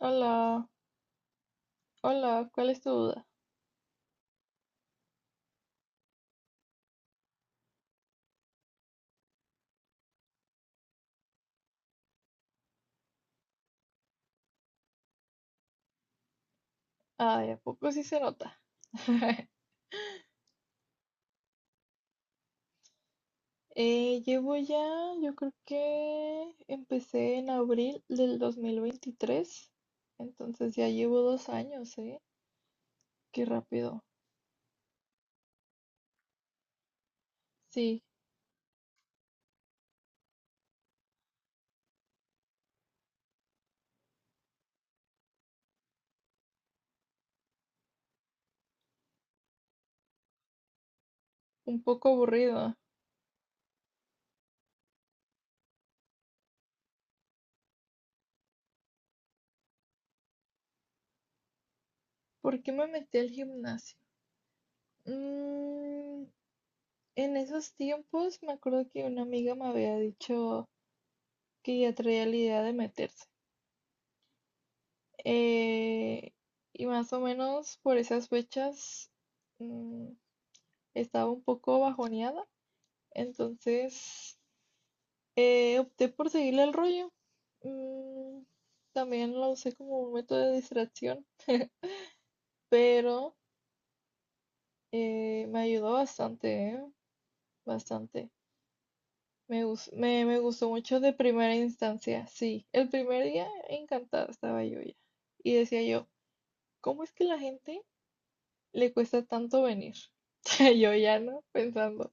Hola, hola, ¿cuál es tu duda? Ay, ¿a poco sí se nota? Llevo ya, yo creo que empecé en abril del 2023, entonces ya llevo 2 años, ¿eh? Qué rápido. Sí, un poco aburrido. ¿Por qué me metí al gimnasio? Mm, en esos tiempos me acuerdo que una amiga me había dicho que ya traía la idea de meterse. eh, y más o menos por esas fechas mm, estaba un poco bajoneada, entonces opté por seguirle el rollo. Mm, También lo usé como un método de distracción, pero me ayudó bastante, ¿eh? Bastante. Me gustó mucho de primera instancia, sí. El primer día encantada estaba yo ya. Y decía yo, ¿cómo es que la gente le cuesta tanto venir? Yo ya no, pensando.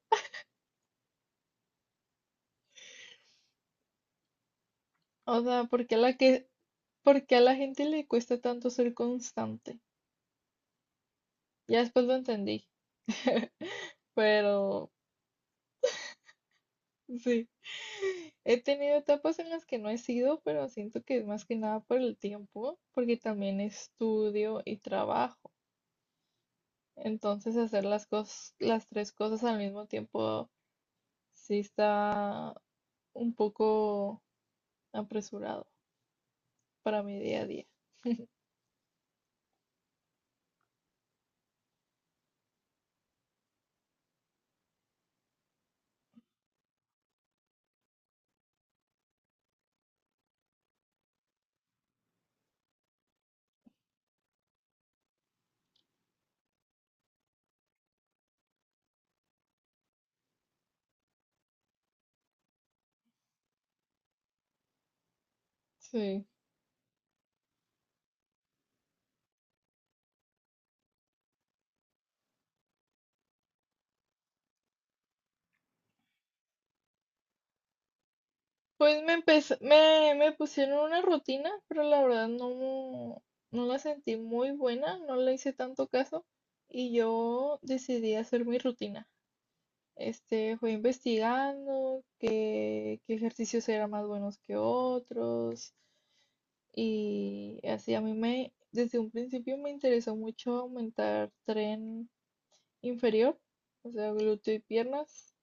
O sea, ¿por qué a la gente le cuesta tanto ser constante? Ya después lo entendí, pero sí. He tenido etapas en las que no he sido, pero siento que es más que nada por el tiempo, porque también estudio y trabajo. Entonces hacer las tres cosas al mismo tiempo sí está un poco apresurado para mi día a día. Sí. Pues me pusieron una rutina, pero la verdad no la sentí muy buena, no le hice tanto caso y yo decidí hacer mi rutina. Fue investigando qué ejercicios eran más buenos que otros, y así a mí desde un principio me interesó mucho aumentar tren inferior, o sea, glúteo y piernas.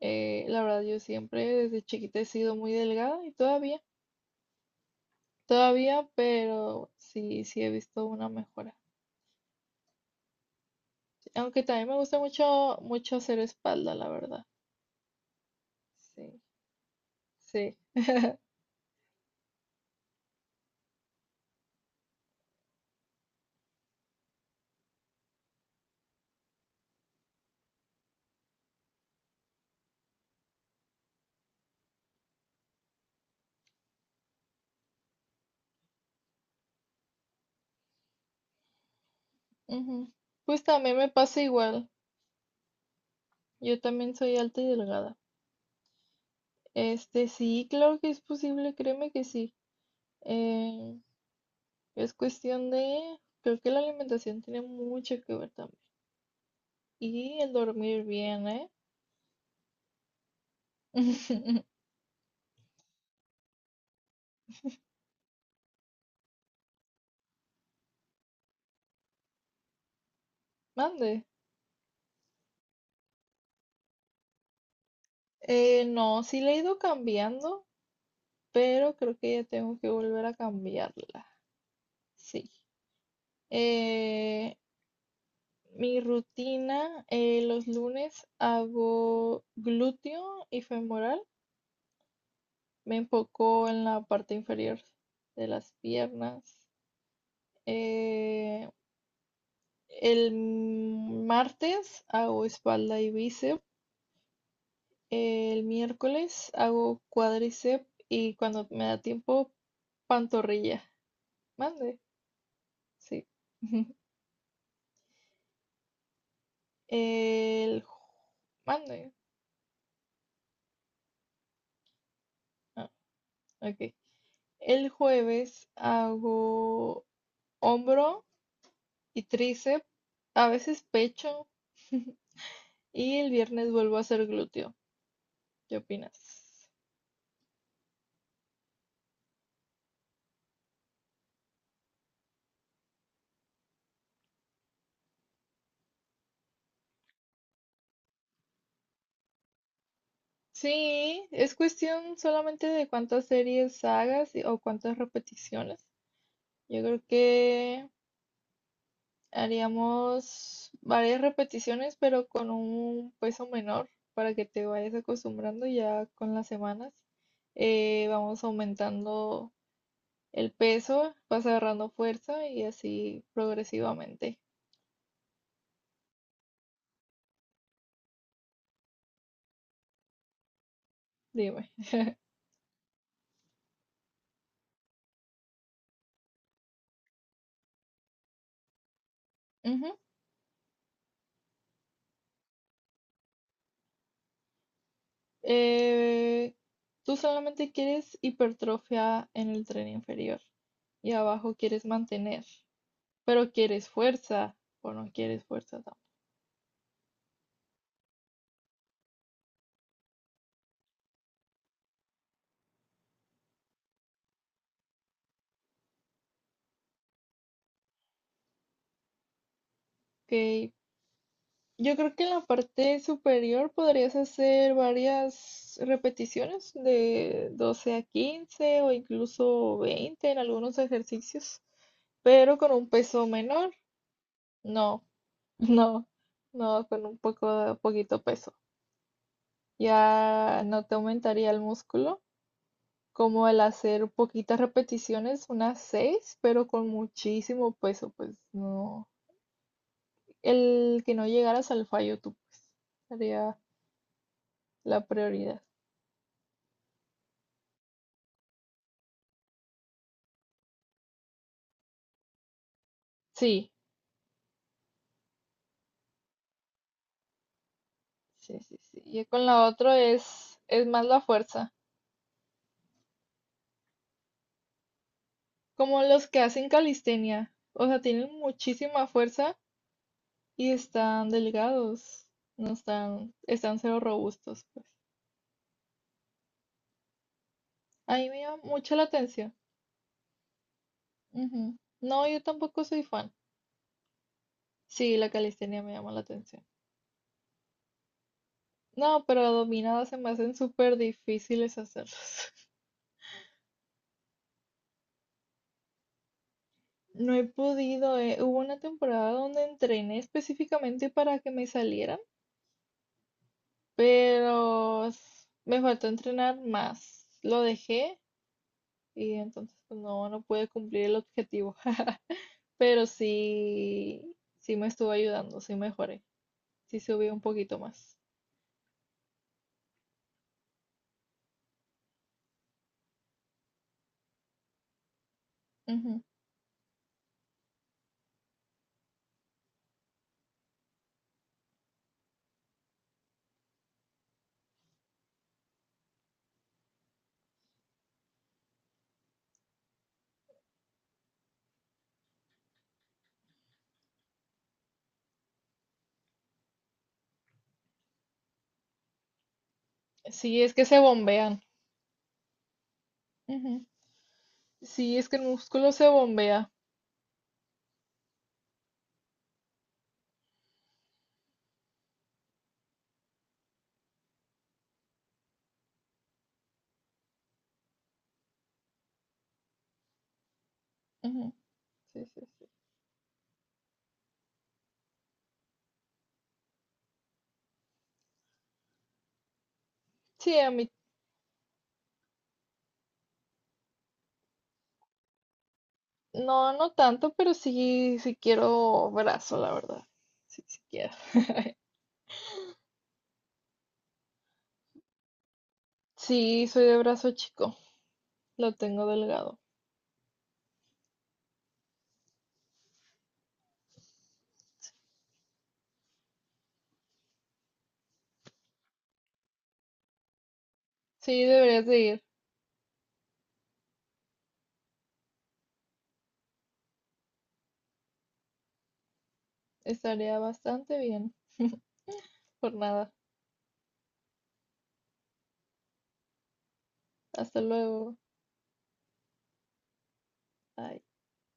La verdad yo siempre desde chiquita he sido muy delgada y todavía. Todavía, pero sí, sí he visto una mejora. Aunque también me gusta mucho, mucho hacer espalda, la verdad. Sí, sí. Ujú. Pues también me pasa igual. Yo también soy alta y delgada. Sí, claro que es posible, créeme que sí. Eh, es cuestión de, creo que la alimentación tiene mucho que ver también. Y el dormir bien, ¿eh? Mande. No, sí la he ido cambiando, pero creo que ya tengo que volver a cambiarla. Sí. Eh, Mi rutina, los lunes hago glúteo y femoral. Me enfoco en la parte inferior de las piernas. Eh, el martes hago espalda y bíceps. El miércoles hago cuádriceps y, cuando me da tiempo, pantorrilla. Mande, sí. El ju- Mande. Ah, ok. El jueves hago hombro y tríceps, a veces pecho, y el viernes vuelvo a hacer glúteo. ¿Qué opinas? Sí, es cuestión solamente de cuántas series hagas o cuántas repeticiones. Yo creo que haríamos varias repeticiones, pero con un peso menor para que te vayas acostumbrando ya con las semanas. Vamos aumentando el peso, vas agarrando fuerza y así progresivamente. Dime. Ujú. Eh, Tú solamente quieres hipertrofia en el tren inferior y abajo quieres mantener, pero quieres fuerza o no quieres fuerza tampoco. Ok. Yo creo que en la parte superior podrías hacer varias repeticiones de 12 a 15 o incluso 20 en algunos ejercicios, pero con un peso menor. No, no, no, con un poco, poquito peso. Ya no te aumentaría el músculo, como el hacer poquitas repeticiones, unas 6, pero con muchísimo peso, pues no. El que no llegaras al fallo tú, pues, sería la prioridad. Sí, sí, sí, sí. Y con la otra es más la fuerza, como los que hacen calistenia, o sea, tienen muchísima fuerza y están delgados, no están, están cero robustos. A mí me llama mucho la atención. Ujú. No, yo tampoco soy fan. Sí, la calistenia me llama la atención. No, pero dominadas se me hacen súper difíciles hacerlas. No he podido, eh. Hubo una temporada donde entrené específicamente para que me salieran, pero me faltó entrenar más. Lo dejé y entonces pues, no pude cumplir el objetivo. Pero sí, sí me estuvo ayudando, sí mejoré, sí subí un poquito más. Ujú. Sí, es que se bombean. Ujú. Sí, es que el músculo se bombea. Ujú. Sí, sí, sí. Sí, a mí no, no tanto, pero sí, sí quiero brazo, la verdad. Sí, sí quiero. Sí, soy de brazo chico. Lo tengo delgado. Sí, deberías de ir. Estaría bastante bien. Por nada. Hasta luego. Bye.